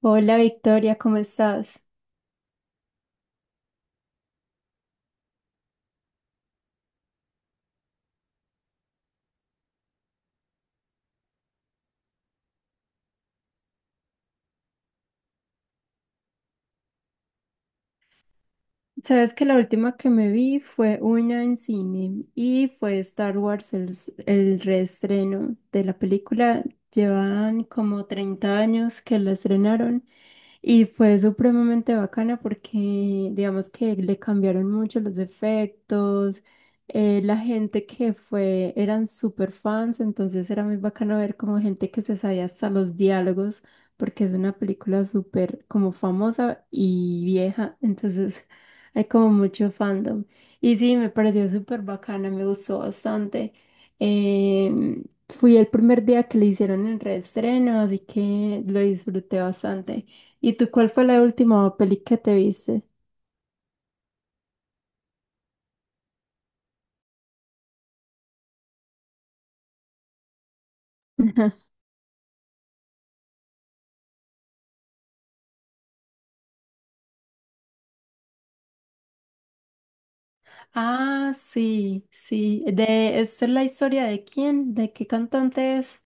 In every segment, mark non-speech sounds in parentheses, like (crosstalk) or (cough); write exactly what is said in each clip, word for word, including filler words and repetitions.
Hola Victoria, ¿cómo estás? Sabes que la última que me vi fue una en cine y fue Star Wars, el, s- el reestreno de la película. Llevan como treinta años que la estrenaron y fue supremamente bacana porque digamos que le cambiaron mucho los efectos. Eh, la gente que fue eran súper fans, entonces era muy bacano ver como gente que se sabía hasta los diálogos porque es una película súper como famosa y vieja, entonces... Hay como mucho fandom. Y sí, me pareció súper bacana, me gustó bastante. Em, fui el primer día que le hicieron el reestreno, así que lo disfruté bastante. ¿Y tú cuál fue la última peli que te viste? (laughs) Ah, sí, sí. De, ¿esta es la historia de quién? ¿De qué cantante es?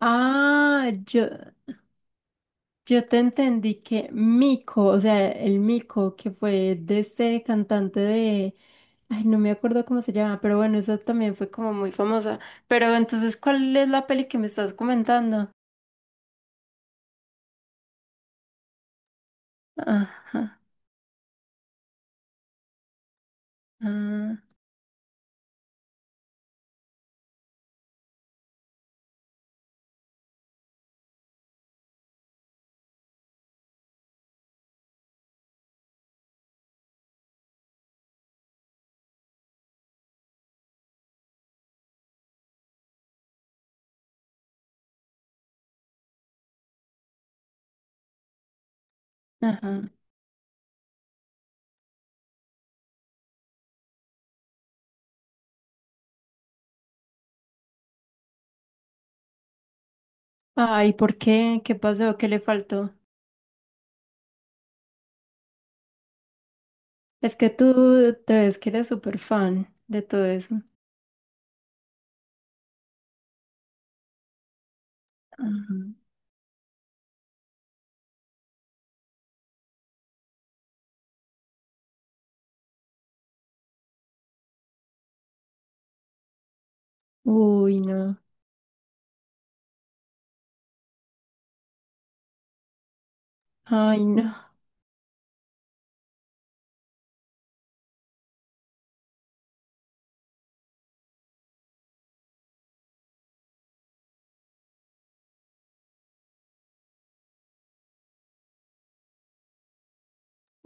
Ah, yo. Yo te entendí que Mico, o sea, el Mico, que fue de este cantante de, ay, no me acuerdo cómo se llama, pero bueno, eso también fue como muy famosa. Pero entonces, ¿cuál es la peli que me estás comentando? Ajá, ah, ajá. Ay, ¿por qué? ¿Qué pasó? ¿Qué le faltó? Es que tú te ves que eres súper fan de todo eso. Ajá. Uy, no. Ay, no.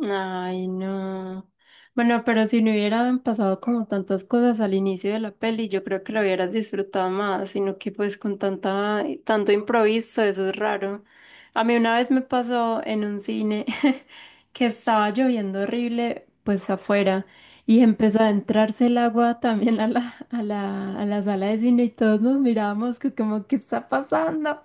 Ay, no. Bueno, pero si no hubieran pasado como tantas cosas al inicio de la peli, yo creo que lo hubieras disfrutado más, sino que pues con tanta, tanto improviso, eso es raro. A mí una vez me pasó en un cine (laughs) que estaba lloviendo horrible, pues afuera, y empezó a entrarse el agua también a la, a la, a la sala de cine y todos nos mirábamos que como, ¿qué está pasando?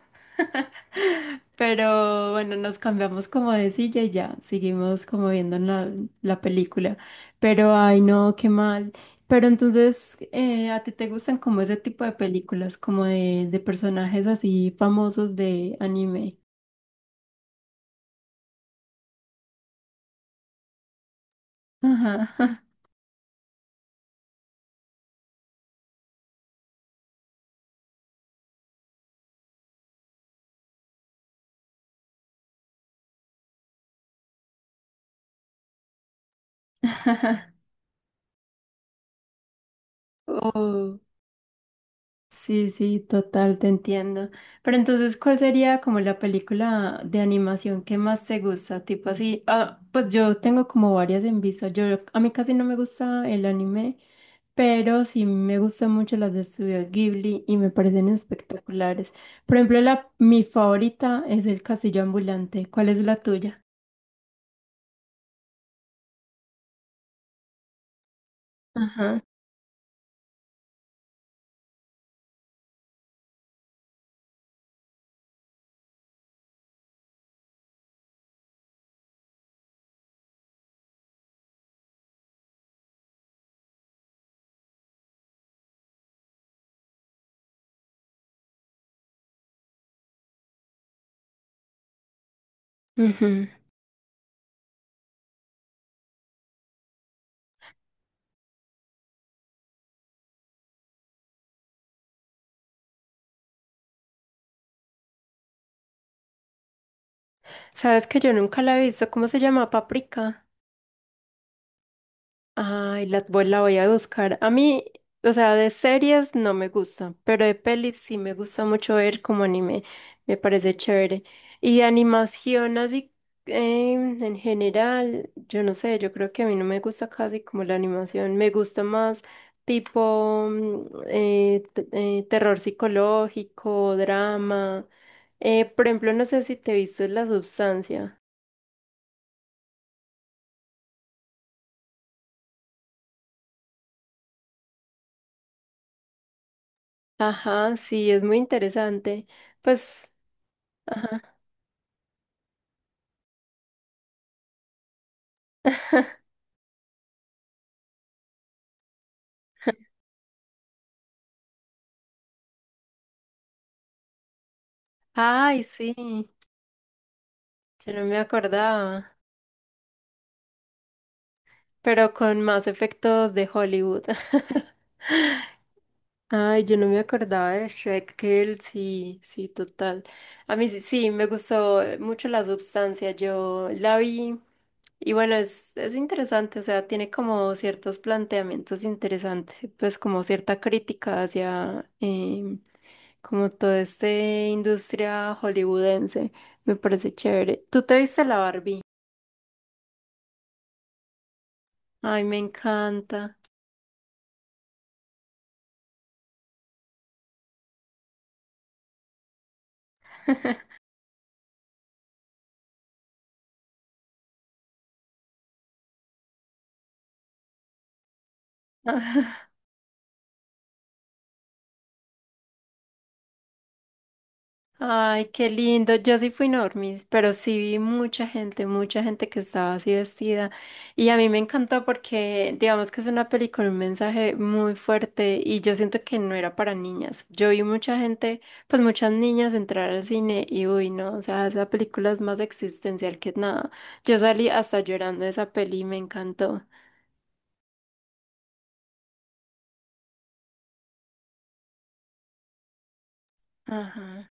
Pero bueno, nos cambiamos como de silla y ya, seguimos como viendo la, la película. Pero ay, no, qué mal. Pero entonces, eh, ¿a ti te gustan como ese tipo de películas, como de, de personajes así famosos de anime? Ajá. (laughs) Oh, sí, sí, total, te entiendo. Pero entonces, ¿cuál sería como la película de animación que más te gusta? Tipo así, ah, pues yo tengo como varias en vista. Yo, a mí casi no me gusta el anime. Pero sí me gustan mucho las de Studio Ghibli y me parecen espectaculares. Por ejemplo, la, mi favorita es El Castillo Ambulante. ¿Cuál es la tuya? Ajá. Ujú. ¿Sabes que yo nunca la he visto? ¿Cómo se llama? Paprika. Ay, la, voy- la voy a buscar. A mí, o sea, de series no me gusta, pero de pelis sí me gusta mucho ver como anime. Me parece chévere. Y de animación así em, en general, yo no sé, yo creo que a mí no me gusta casi como la animación. Me gusta más tipo mm, eh, t- eh, terror psicológico, drama. Eh, por ejemplo, no sé si te viste La Sustancia. Ajá, sí, es muy interesante. Pues... Ajá. Ay, sí, yo no me acordaba, pero con más efectos de Hollywood. (laughs) Ay, yo no me acordaba de Shrek, que él sí, sí, total. A mí sí, sí, me gustó mucho la substancia, yo la vi y bueno, es, es interesante, o sea, tiene como ciertos planteamientos interesantes, pues como cierta crítica hacia em, como toda esta industria hollywoodense, me parece chévere. ¿Tú te viste la Barbie? Ay, me encanta. (laughs) Ay, qué lindo. Yo sí fui normis, pero sí vi mucha gente, mucha gente que estaba así vestida. Y a mí me encantó porque, digamos que es una película, un mensaje muy fuerte y yo siento que no era para niñas. Yo vi mucha gente, pues muchas niñas entrar al cine y uy, no, o sea, esa película es más existencial que nada. Yo salí hasta llorando de esa peli y me encantó. Ajá,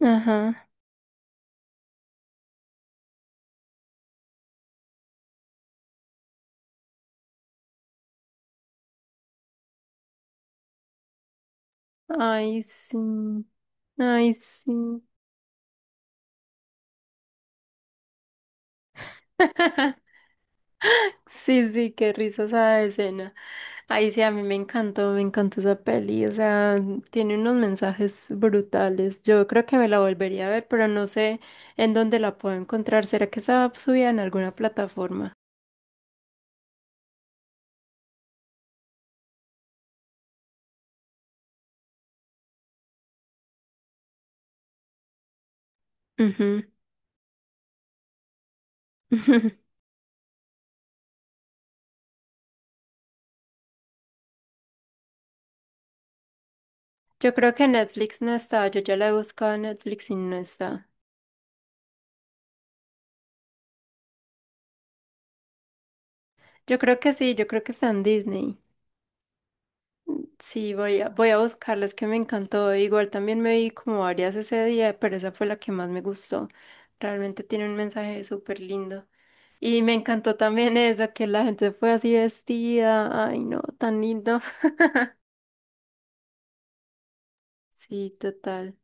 ajá. Ay, sí. Ay, sí. (laughs) Sí, sí, qué risa esa escena. Ay, sí, a mí me encantó, me encantó esa peli, o sea, tiene unos mensajes brutales. Yo creo que me la volvería a ver, pero no sé en dónde la puedo encontrar. ¿Será que está subida en alguna plataforma? Ujú. (laughs) Yo creo que Netflix no está, yo ya la he buscado en Netflix y no está. Yo creo que sí, yo creo que está en Disney. Sí, voy a, voy a buscarlas que me encantó. Igual también me vi como varias ese día, pero esa fue la que más me gustó. Realmente tiene un mensaje súper lindo. Y me encantó también eso, que la gente fue así vestida. Ay, no, tan lindo. (laughs) Sí, total.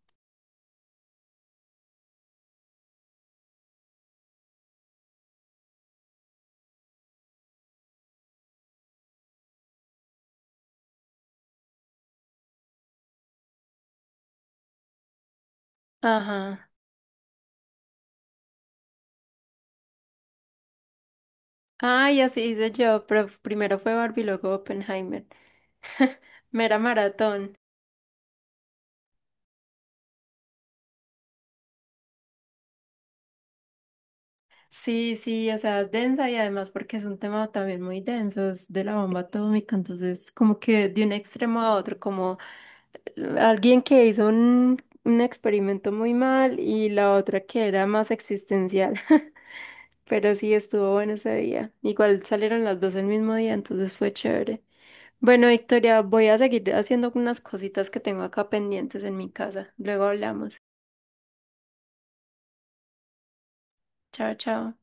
Ajá. Ay, así hice yo, pero primero fue Barbie, luego Oppenheimer. (laughs) Mera maratón. Sí, sí, o sea, es densa y además porque es un tema también muy denso, es de la bomba atómica, entonces como que de un extremo a otro, como alguien que hizo un, un experimento muy mal y la otra que era más existencial, (laughs) pero sí estuvo bueno ese día. Igual salieron las dos el mismo día, entonces fue chévere. Bueno, Victoria, voy a seguir haciendo unas cositas que tengo acá pendientes en mi casa. Luego hablamos. Chao, chao.